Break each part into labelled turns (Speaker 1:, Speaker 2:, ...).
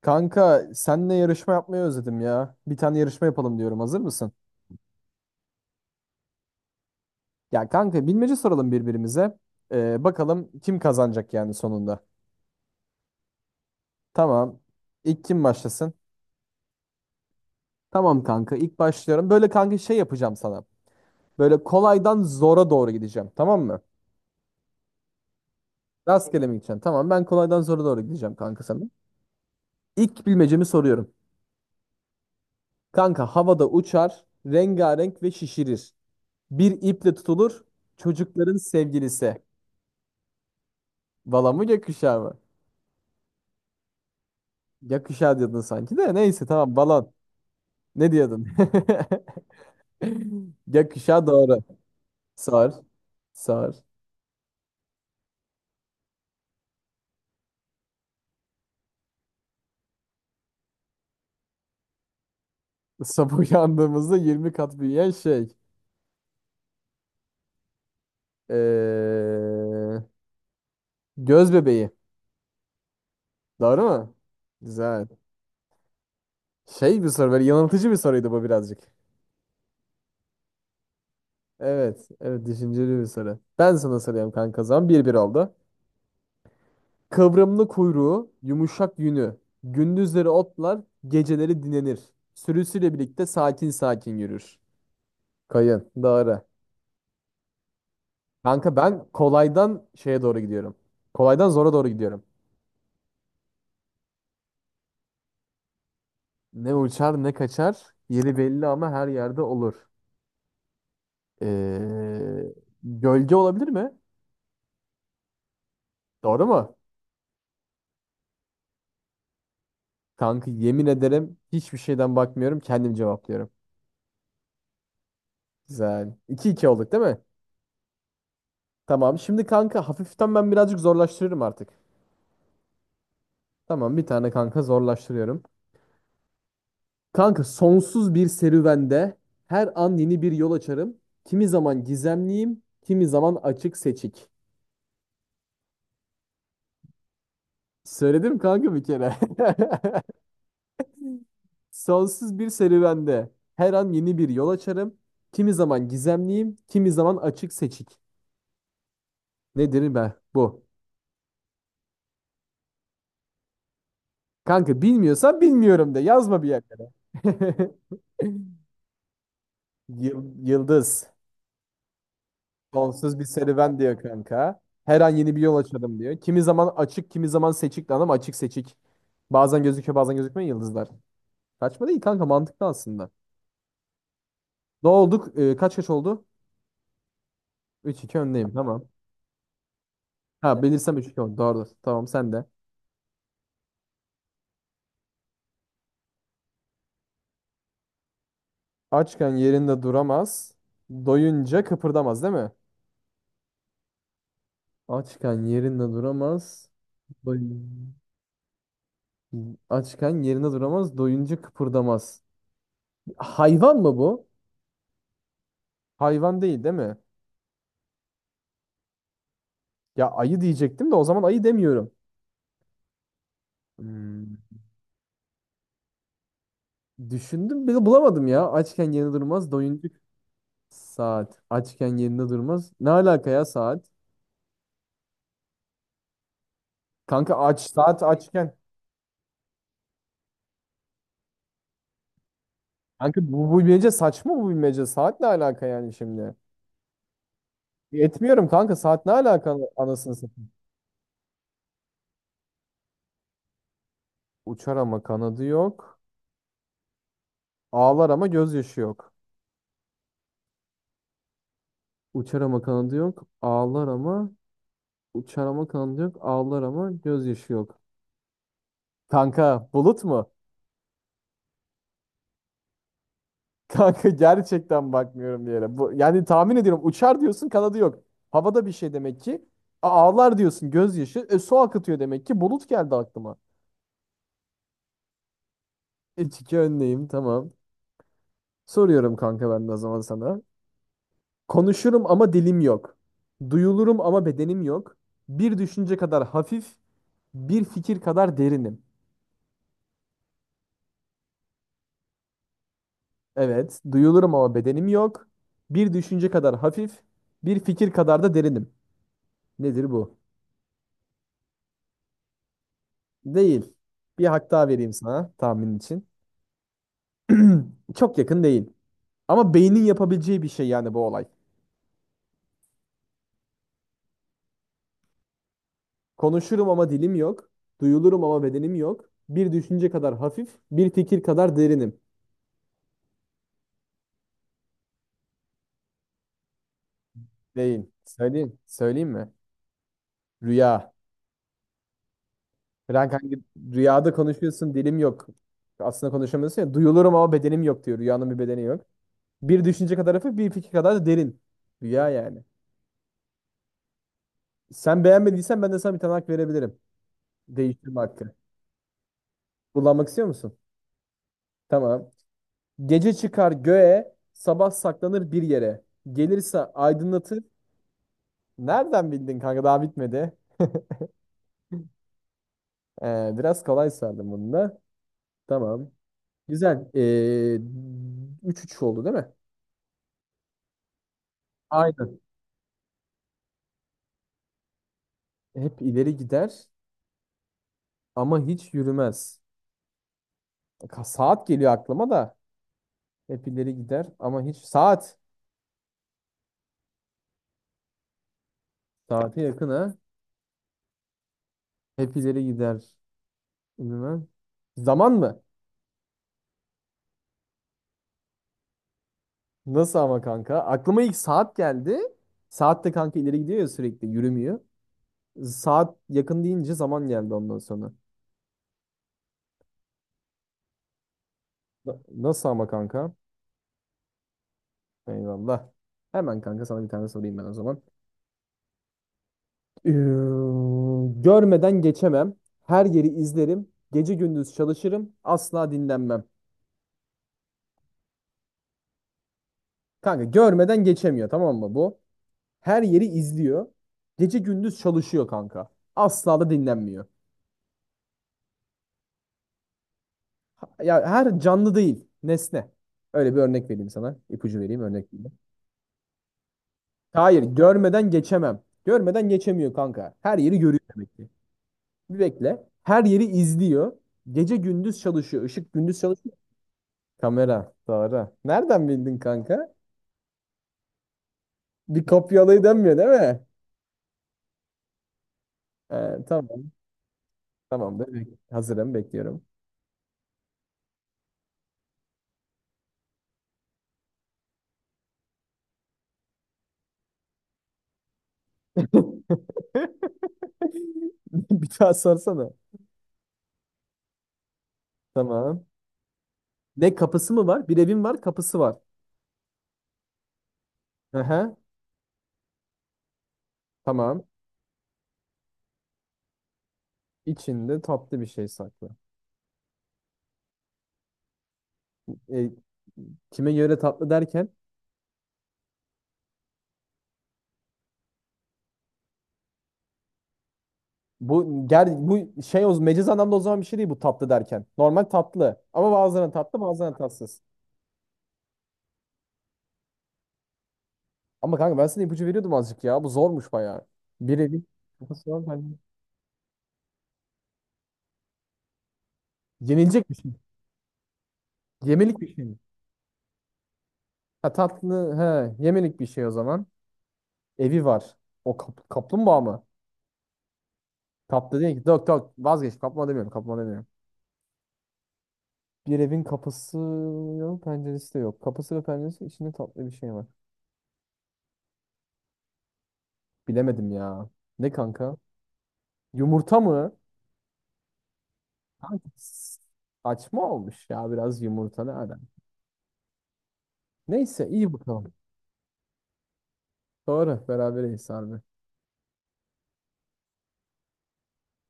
Speaker 1: Kanka senle yarışma yapmayı özledim ya. Bir tane yarışma yapalım diyorum. Hazır mısın? Ya kanka bilmece soralım birbirimize. Bakalım kim kazanacak yani sonunda. Tamam. İlk kim başlasın? Tamam kanka ilk başlıyorum. Böyle kanka şey yapacağım sana. Böyle kolaydan zora doğru gideceğim. Tamam mı? Rastgele mi gideceksin? Tamam ben kolaydan zora doğru gideceğim kanka sana. İlk bilmecemi soruyorum. Kanka havada uçar, rengarenk ve şişirir. Bir iple tutulur, çocukların sevgilisi. Bala mı gökkuşağı mı? Yakışa diyordun sanki de. Neyse tamam balon. Ne diyordun? Yakışa doğru. sar sar Sabah yandığımızda yirmi kat büyüyen şey. Ee, Göz bebeği. Doğru mu? Güzel. Şey bir soru böyle yanıltıcı bir soruydu bu birazcık. Evet. Evet düşünceli bir soru. Ben sana soruyorum kanka o zaman. Bir 1 oldu. Kıvrımlı kuyruğu, yumuşak yünü. Gündüzleri otlar, geceleri dinlenir. Sürüsüyle birlikte sakin sakin yürür. Kayın. Doğru. Kanka ben kolaydan şeye doğru gidiyorum. Kolaydan zora doğru gidiyorum. Ne uçar ne kaçar. Yeri belli ama her yerde olur. Ee, Gölge olabilir mi? Doğru mu? Kanka yemin ederim hiçbir şeyden bakmıyorum. Kendim cevaplıyorum. Güzel. 2 iki olduk değil mi? Tamam. Şimdi kanka hafiften ben birazcık zorlaştırırım artık. Tamam bir tane kanka zorlaştırıyorum. Kanka sonsuz bir serüvende her an yeni bir yol açarım. Kimi zaman gizemliyim, kimi zaman açık seçik. Söyledim kanka bir kere. Sonsuz bir serüvende her an yeni bir yol açarım. Kimi zaman gizemliyim, kimi zaman açık seçik. Nedir be bu? Kanka bilmiyorsan bilmiyorum de, yazma bir yerlere. Yıldız. Sonsuz bir serüven diyor kanka. Her an yeni bir yol açalım diyor. Kimi zaman açık, kimi zaman seçik lan, ama açık seçik. Bazen gözüküyor, bazen gözükmüyor yıldızlar. Kaçma değil kanka, mantıklı aslında. Ne olduk? Kaç kaç oldu? Üç iki öndeyim, tamam. Ha, bilirsem üç iki oldu. Doğrudur. Tamam sen de. Açken yerinde duramaz. Doyunca kıpırdamaz değil mi? Açken yerinde duramaz. Doyun... Açken yerinde duramaz. Doyunca kıpırdamaz. Hayvan mı bu? Hayvan değil değil mi? Ya ayı diyecektim de, o zaman ayı demiyorum. Hmm, Düşündüm bile bulamadım ya. Açken yerinde durmaz, doyunca saat. Açken yerinde durmaz. Ne alaka ya saat? Kanka aç saat açken. Kanka bu bilmece saçma bu bilmece. Saat ne alaka yani şimdi? Etmiyorum kanka, saat ne alaka anasını satayım. Uçar ama kanadı yok. Ağlar ama gözyaşı yok. Uçar ama kanadı yok. Ağlar ama uçar ama kanadı yok. Ağlar ama gözyaşı yok. Kanka bulut mu? Kanka gerçekten bakmıyorum bir yere. Bu, yani tahmin ediyorum, uçar diyorsun kanadı yok. Havada bir şey demek ki. Ağlar diyorsun gözyaşı. E, su akıtıyor demek ki. Bulut geldi aklıma. İlk iki önleyim tamam. Soruyorum kanka ben de o zaman sana. Konuşurum ama dilim yok. Duyulurum ama bedenim yok. Bir düşünce kadar hafif, bir fikir kadar derinim. Evet, duyulurum ama bedenim yok. Bir düşünce kadar hafif, bir fikir kadar da derinim. Nedir bu? Değil. Bir hak daha vereyim sana tahmin için. Çok yakın değil. Ama beynin yapabileceği bir şey yani bu olay. Konuşurum ama dilim yok. Duyulurum ama bedenim yok. Bir düşünce kadar hafif, bir fikir kadar derinim. Değil. Söyleyeyim. Söyleyeyim mi? Rüya. Frank hangi rüyada konuşuyorsun, dilim yok. Aslında konuşamıyorsun ya. Duyulurum ama bedenim yok diyor. Rüyanın bir bedeni yok. Bir düşünce kadar hafif, bir fikir kadar da derin. Rüya yani. Sen beğenmediysen ben de sana bir tane hak verebilirim. Değiştirme hakkı. Kullanmak istiyor musun? Tamam. Gece çıkar göğe, sabah saklanır bir yere. Gelirse aydınlatır. Nereden bildin kanka? Daha bitmedi. Biraz kolay sardım bunu da. Tamam. Güzel. 3-3 oldu değil mi? Aynen. Hep ileri gider ama hiç yürümez. Saat geliyor aklıma da. Hep ileri gider ama hiç... Saat. Saate yakın ha. Hep ileri gider. Yürümez. Zaman mı? Nasıl ama kanka? Aklıma ilk saat geldi. Saat de kanka ileri gidiyor ya, sürekli yürümüyor. Saat yakın deyince zaman geldi ondan sonra. Nasıl ama kanka? Eyvallah. Hemen kanka sana bir tane sorayım ben o zaman. Ee, Görmeden geçemem. Her yeri izlerim. Gece gündüz çalışırım. Asla dinlenmem. Kanka görmeden geçemiyor, tamam mı bu? Her yeri izliyor. Gece gündüz çalışıyor kanka. Asla da dinlenmiyor. Ya her canlı değil, nesne. Öyle bir örnek vereyim sana. İpucu vereyim, örnek vereyim. Hayır, görmeden geçemem. Görmeden geçemiyor kanka. Her yeri görüyor demek ki. Bir bekle. Her yeri izliyor. Gece gündüz çalışıyor. Işık gündüz çalışıyor. Kamera. Doğru. Nereden bildin kanka? Bir kopyalayı dönmüyor değil mi? Tamam. Tamamdır. Hazırım. Bekliyorum. Bir daha sorsana. Tamam. Ne kapısı mı var? Bir evim var, kapısı var. Aha, tamam. İçinde tatlı bir şey saklı. E, kime göre tatlı derken bu bu şey o meciz anlamda, o zaman bir şey değil bu tatlı derken. Normal tatlı. Ama bazılarına tatlı, bazılarına tatsız. Ama kanka ben sana ipucu veriyordum azıcık ya. Bu zormuş bayağı. Birebir. Bu nasıl lan Yenilecek bir şey. Yemelik bir şey mi? Ha tatlı, he yemelik bir şey o zaman. Evi var. Kaplumbağa mı? Kaplı değil ki. Dök dök vazgeç. Kaplumbağa demiyorum. Kaplumbağa demiyorum. Bir evin kapısı yok, penceresi de yok. Kapısı ve penceresi içinde tatlı bir şey var. Bilemedim ya. Ne kanka? Yumurta mı? Kanka, s- Saçma olmuş ya biraz, yumurta nereden? Neyse iyi bakalım. Doğru berabereyiz harbi.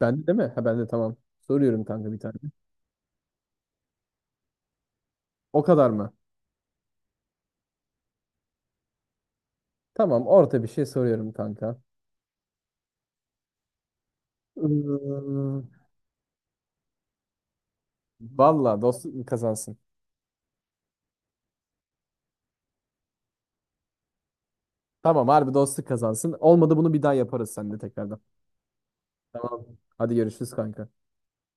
Speaker 1: Bende değil mi? Ha bende, tamam. Soruyorum kanka bir tane. O kadar mı? Tamam orta bir şey soruyorum kanka. Iıı, Valla dostluk kazansın. Tamam harbi dostluk kazansın. Olmadı bunu bir daha yaparız seninle tekrardan. Tamam. Hadi görüşürüz kanka.